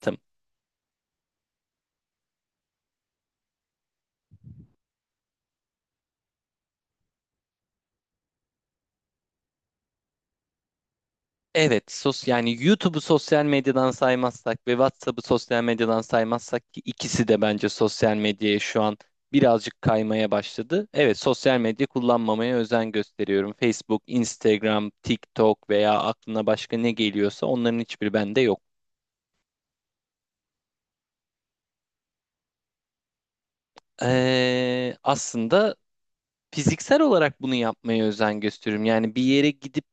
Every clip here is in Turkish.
Tamam. Evet, yani YouTube'u sosyal medyadan saymazsak ve WhatsApp'ı sosyal medyadan saymazsak ki ikisi de bence sosyal medyaya şu an birazcık kaymaya başladı. Evet, sosyal medya kullanmamaya özen gösteriyorum. Facebook, Instagram, TikTok veya aklına başka ne geliyorsa onların hiçbiri bende yok. Aslında fiziksel olarak bunu yapmaya özen gösteriyorum. Yani bir yere gidip,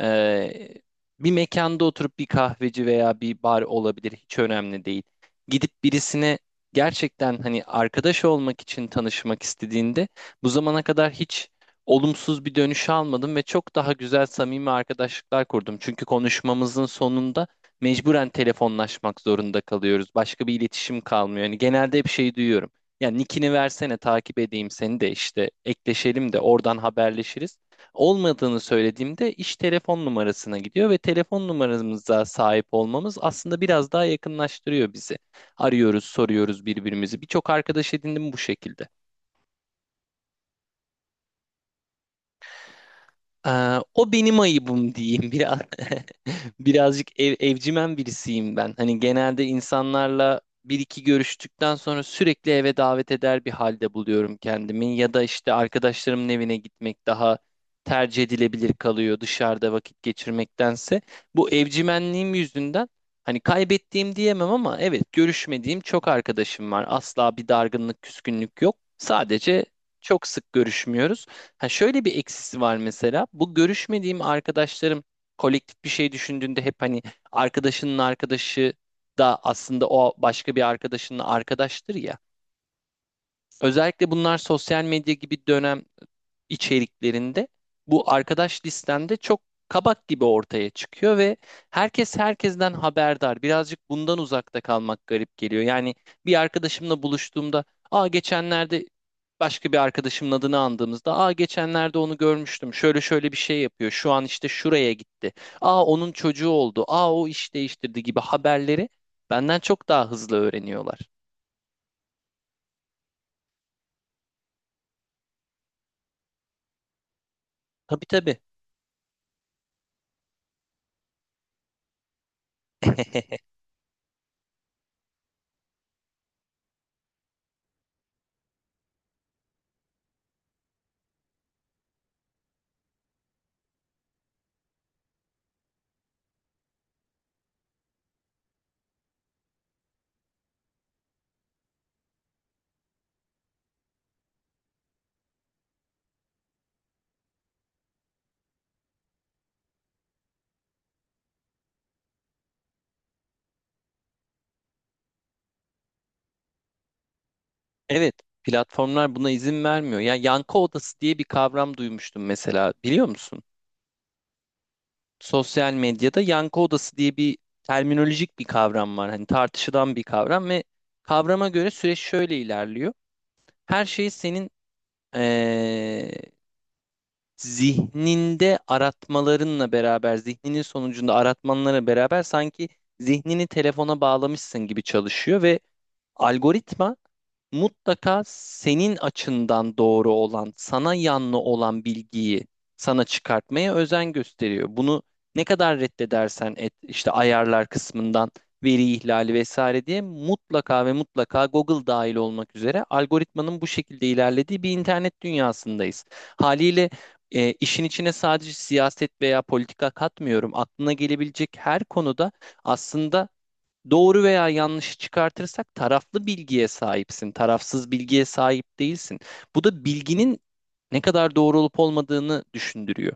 Ee, bir mekanda oturup, bir kahveci veya bir bar olabilir, hiç önemli değil. Gidip birisine gerçekten hani arkadaş olmak için tanışmak istediğinde, bu zamana kadar hiç olumsuz bir dönüş almadım ve çok daha güzel, samimi arkadaşlıklar kurdum. Çünkü konuşmamızın sonunda mecburen telefonlaşmak zorunda kalıyoruz. Başka bir iletişim kalmıyor. Yani genelde hep şey duyuyorum. Ya nickini versene, takip edeyim seni de, işte ekleşelim de oradan haberleşiriz. Olmadığını söylediğimde iş telefon numarasına gidiyor ve telefon numaramıza sahip olmamız aslında biraz daha yakınlaştırıyor bizi. Arıyoruz, soruyoruz birbirimizi. Birçok arkadaş edindim bu şekilde. O benim ayıbım diyeyim biraz. Birazcık evcimen birisiyim ben. Hani genelde insanlarla bir iki görüştükten sonra sürekli eve davet eder bir halde buluyorum kendimi, ya da işte arkadaşlarımın evine gitmek daha tercih edilebilir kalıyor dışarıda vakit geçirmektense. Bu evcimenliğim yüzünden hani kaybettiğim diyemem ama evet, görüşmediğim çok arkadaşım var. Asla bir dargınlık, küskünlük yok. Sadece çok sık görüşmüyoruz. Ha, şöyle bir eksisi var mesela. Bu görüşmediğim arkadaşlarım kolektif bir şey düşündüğünde hep hani arkadaşının arkadaşı da aslında o başka bir arkadaşının arkadaştır ya. Özellikle bunlar sosyal medya gibi dönem içeriklerinde bu arkadaş listende çok kabak gibi ortaya çıkıyor ve herkes herkesten haberdar. Birazcık bundan uzakta kalmak garip geliyor. Yani bir arkadaşımla buluştuğumda, aa geçenlerde başka bir arkadaşımın adını andığımızda, aa geçenlerde onu görmüştüm, şöyle şöyle bir şey yapıyor, şu an işte şuraya gitti, aa onun çocuğu oldu, aa o iş değiştirdi gibi haberleri benden çok daha hızlı öğreniyorlar. Tabii tabii. Evet, platformlar buna izin vermiyor. Yani yankı odası diye bir kavram duymuştum mesela, biliyor musun? Sosyal medyada yankı odası diye bir terminolojik bir kavram var. Hani tartışılan bir kavram ve kavrama göre süreç şöyle ilerliyor. Her şeyi senin eee, zihninde aratmalarınla beraber, zihninin sonucunda aratmanlara beraber sanki zihnini telefona bağlamışsın gibi çalışıyor ve algoritma mutlaka senin açından doğru olan, sana yanlı olan bilgiyi sana çıkartmaya özen gösteriyor. Bunu ne kadar reddedersen et, işte ayarlar kısmından veri ihlali vesaire diye, mutlaka ve mutlaka Google dahil olmak üzere algoritmanın bu şekilde ilerlediği bir internet dünyasındayız. Haliyle işin içine sadece siyaset veya politika katmıyorum. Aklına gelebilecek her konuda aslında doğru veya yanlışı çıkartırsak taraflı bilgiye sahipsin, tarafsız bilgiye sahip değilsin. Bu da bilginin ne kadar doğru olup olmadığını düşündürüyor.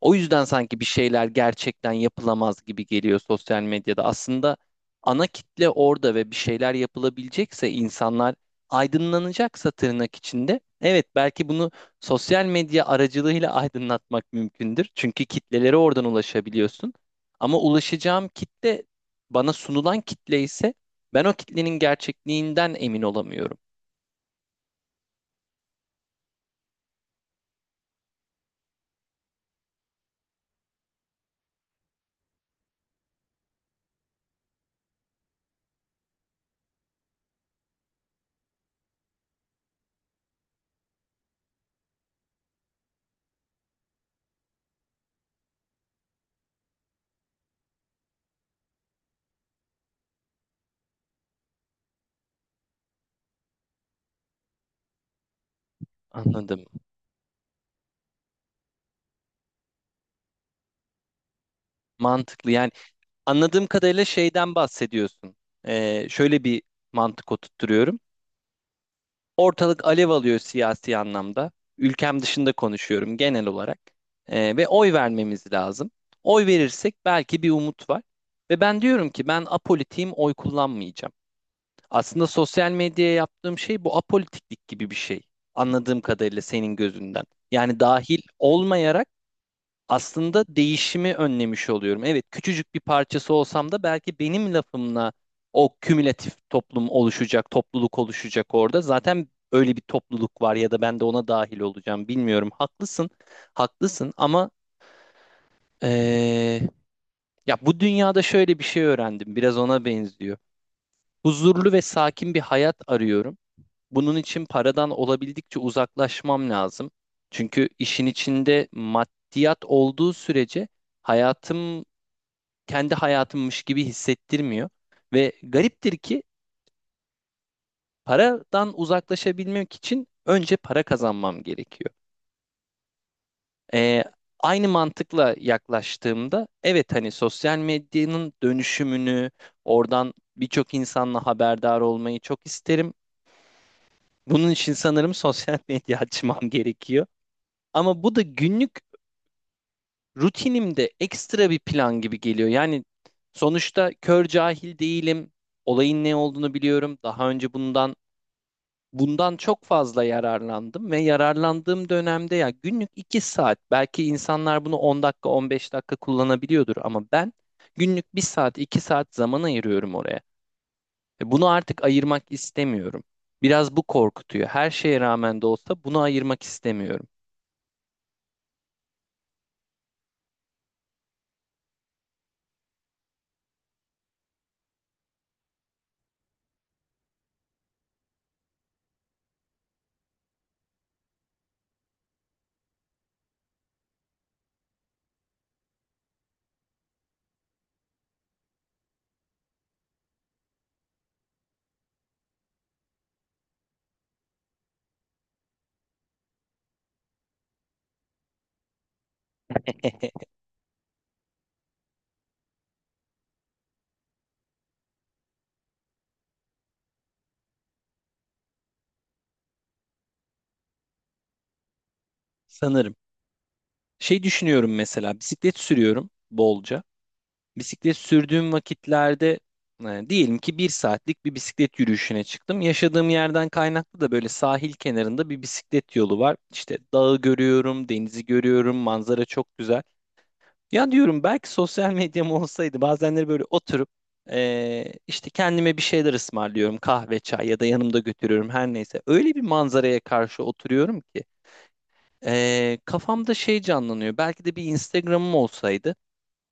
O yüzden sanki bir şeyler gerçekten yapılamaz gibi geliyor sosyal medyada. Aslında ana kitle orada ve bir şeyler yapılabilecekse, insanlar aydınlanacaksa tırnak içinde. Evet, belki bunu sosyal medya aracılığıyla aydınlatmak mümkündür. Çünkü kitlelere oradan ulaşabiliyorsun. Ama ulaşacağım kitle bana sunulan kitle ise ben o kitlenin gerçekliğinden emin olamıyorum. Anladım. Mantıklı, yani. Anladığım kadarıyla şeyden bahsediyorsun. Şöyle bir mantık oturtturuyorum. Ortalık alev alıyor siyasi anlamda. Ülkem dışında konuşuyorum genel olarak. Ve oy vermemiz lazım. Oy verirsek belki bir umut var. Ve ben diyorum ki ben apolitiğim, oy kullanmayacağım. Aslında sosyal medyaya yaptığım şey bu apolitiklik gibi bir şey. Anladığım kadarıyla senin gözünden. Yani dahil olmayarak aslında değişimi önlemiş oluyorum. Evet, küçücük bir parçası olsam da belki benim lafımla o kümülatif toplum oluşacak, topluluk oluşacak orada. Zaten öyle bir topluluk var ya da ben de ona dahil olacağım, bilmiyorum. Haklısın, haklısın ama eee, ya bu dünyada şöyle bir şey öğrendim. Biraz ona benziyor. Huzurlu ve sakin bir hayat arıyorum. Bunun için paradan olabildikçe uzaklaşmam lazım. Çünkü işin içinde maddiyat olduğu sürece hayatım kendi hayatımmış gibi hissettirmiyor. Ve gariptir ki paradan uzaklaşabilmek için önce para kazanmam gerekiyor. Ee, aynı mantıkla yaklaştığımda evet, hani sosyal medyanın dönüşümünü oradan birçok insanla haberdar olmayı çok isterim. Bunun için sanırım sosyal medya açmam gerekiyor. Ama bu da günlük rutinimde ekstra bir plan gibi geliyor. Yani sonuçta kör cahil değilim. Olayın ne olduğunu biliyorum. Daha önce bundan çok fazla yararlandım ve yararlandığım dönemde, ya günlük 2 saat, belki insanlar bunu 10 dakika 15 dakika kullanabiliyordur ama ben günlük 1 saat 2 saat zaman ayırıyorum oraya. Bunu artık ayırmak istemiyorum. Biraz bu korkutuyor. Her şeye rağmen de olsa bunu ayırmak istemiyorum sanırım. Şey düşünüyorum, mesela bisiklet sürüyorum bolca. Bisiklet sürdüğüm vakitlerde, diyelim ki 1 saatlik bir bisiklet yürüyüşüne çıktım. Yaşadığım yerden kaynaklı da böyle sahil kenarında bir bisiklet yolu var. İşte dağı görüyorum, denizi görüyorum, manzara çok güzel. Ya diyorum belki sosyal medyam olsaydı, bazenleri böyle oturup, işte kendime bir şeyler ısmarlıyorum. Kahve, çay ya da yanımda götürüyorum, her neyse. Öyle bir manzaraya karşı oturuyorum ki, kafamda şey canlanıyor. Belki de bir Instagram'ım olsaydı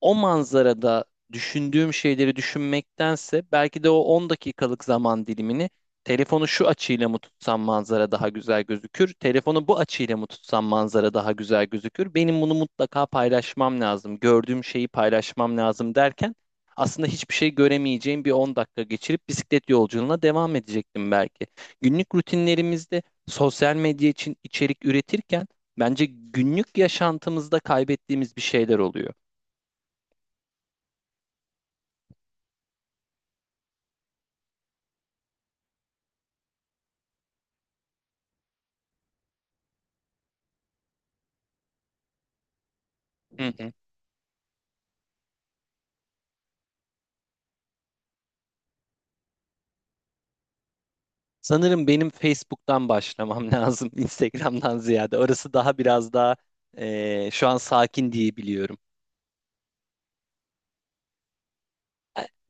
o manzarada düşündüğüm şeyleri düşünmektense, belki de o 10 dakikalık zaman dilimini telefonu şu açıyla mı tutsam manzara daha güzel gözükür, telefonu bu açıyla mı tutsam manzara daha güzel gözükür, benim bunu mutlaka paylaşmam lazım, gördüğüm şeyi paylaşmam lazım derken aslında hiçbir şey göremeyeceğim bir 10 dakika geçirip bisiklet yolculuğuna devam edecektim belki. Günlük rutinlerimizde sosyal medya için içerik üretirken, bence günlük yaşantımızda kaybettiğimiz bir şeyler oluyor. Hı hı. Sanırım benim Facebook'tan başlamam lazım, Instagram'dan ziyade. Orası daha biraz daha şu an sakin diye biliyorum.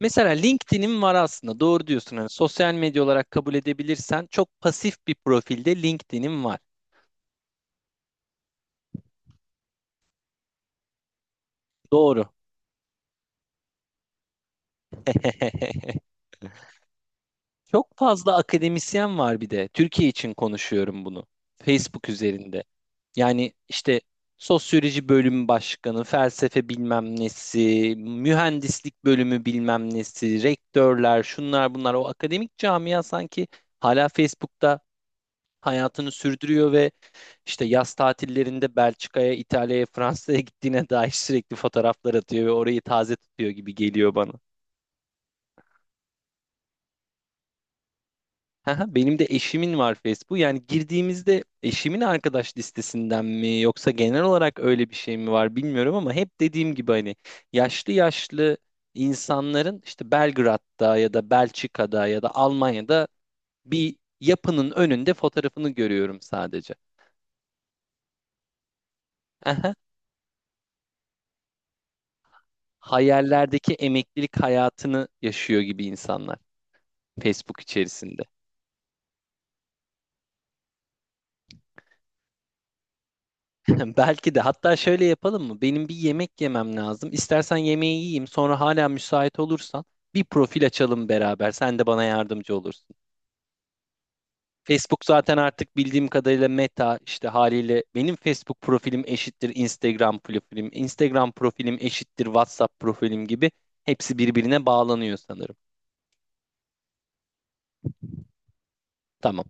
Mesela LinkedIn'in var aslında, doğru diyorsun. Hani sosyal medya olarak kabul edebilirsen çok pasif bir profilde LinkedIn'in var. Doğru. Çok fazla akademisyen var bir de. Türkiye için konuşuyorum bunu. Facebook üzerinde. Yani işte sosyoloji bölümü başkanı, felsefe bilmem nesi, mühendislik bölümü bilmem nesi, rektörler, şunlar bunlar. O akademik camia sanki hala Facebook'ta hayatını sürdürüyor ve. İşte yaz tatillerinde Belçika'ya, İtalya'ya, Fransa'ya gittiğine dair sürekli fotoğraflar atıyor ve orayı taze tutuyor gibi geliyor bana. Haha, benim de eşimin var Facebook. Yani girdiğimizde eşimin arkadaş listesinden mi yoksa genel olarak öyle bir şey mi var bilmiyorum ama hep dediğim gibi hani yaşlı yaşlı insanların işte Belgrad'da ya da Belçika'da ya da Almanya'da bir yapının önünde fotoğrafını görüyorum sadece. Aha, hayallerdeki emeklilik hayatını yaşıyor gibi insanlar. Facebook içerisinde. Belki de hatta şöyle yapalım mı? Benim bir yemek yemem lazım. İstersen yemeği yiyeyim, sonra hala müsait olursan bir profil açalım beraber. Sen de bana yardımcı olursun. Facebook zaten artık bildiğim kadarıyla Meta, işte haliyle benim Facebook profilim eşittir Instagram profilim, Instagram profilim eşittir WhatsApp profilim gibi hepsi birbirine bağlanıyor sanırım. Tamam.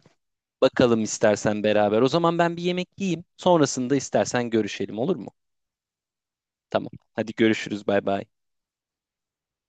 Bakalım istersen beraber. O zaman ben bir yemek yiyeyim. Sonrasında istersen görüşelim, olur mu? Tamam. Hadi görüşürüz. Bay bay.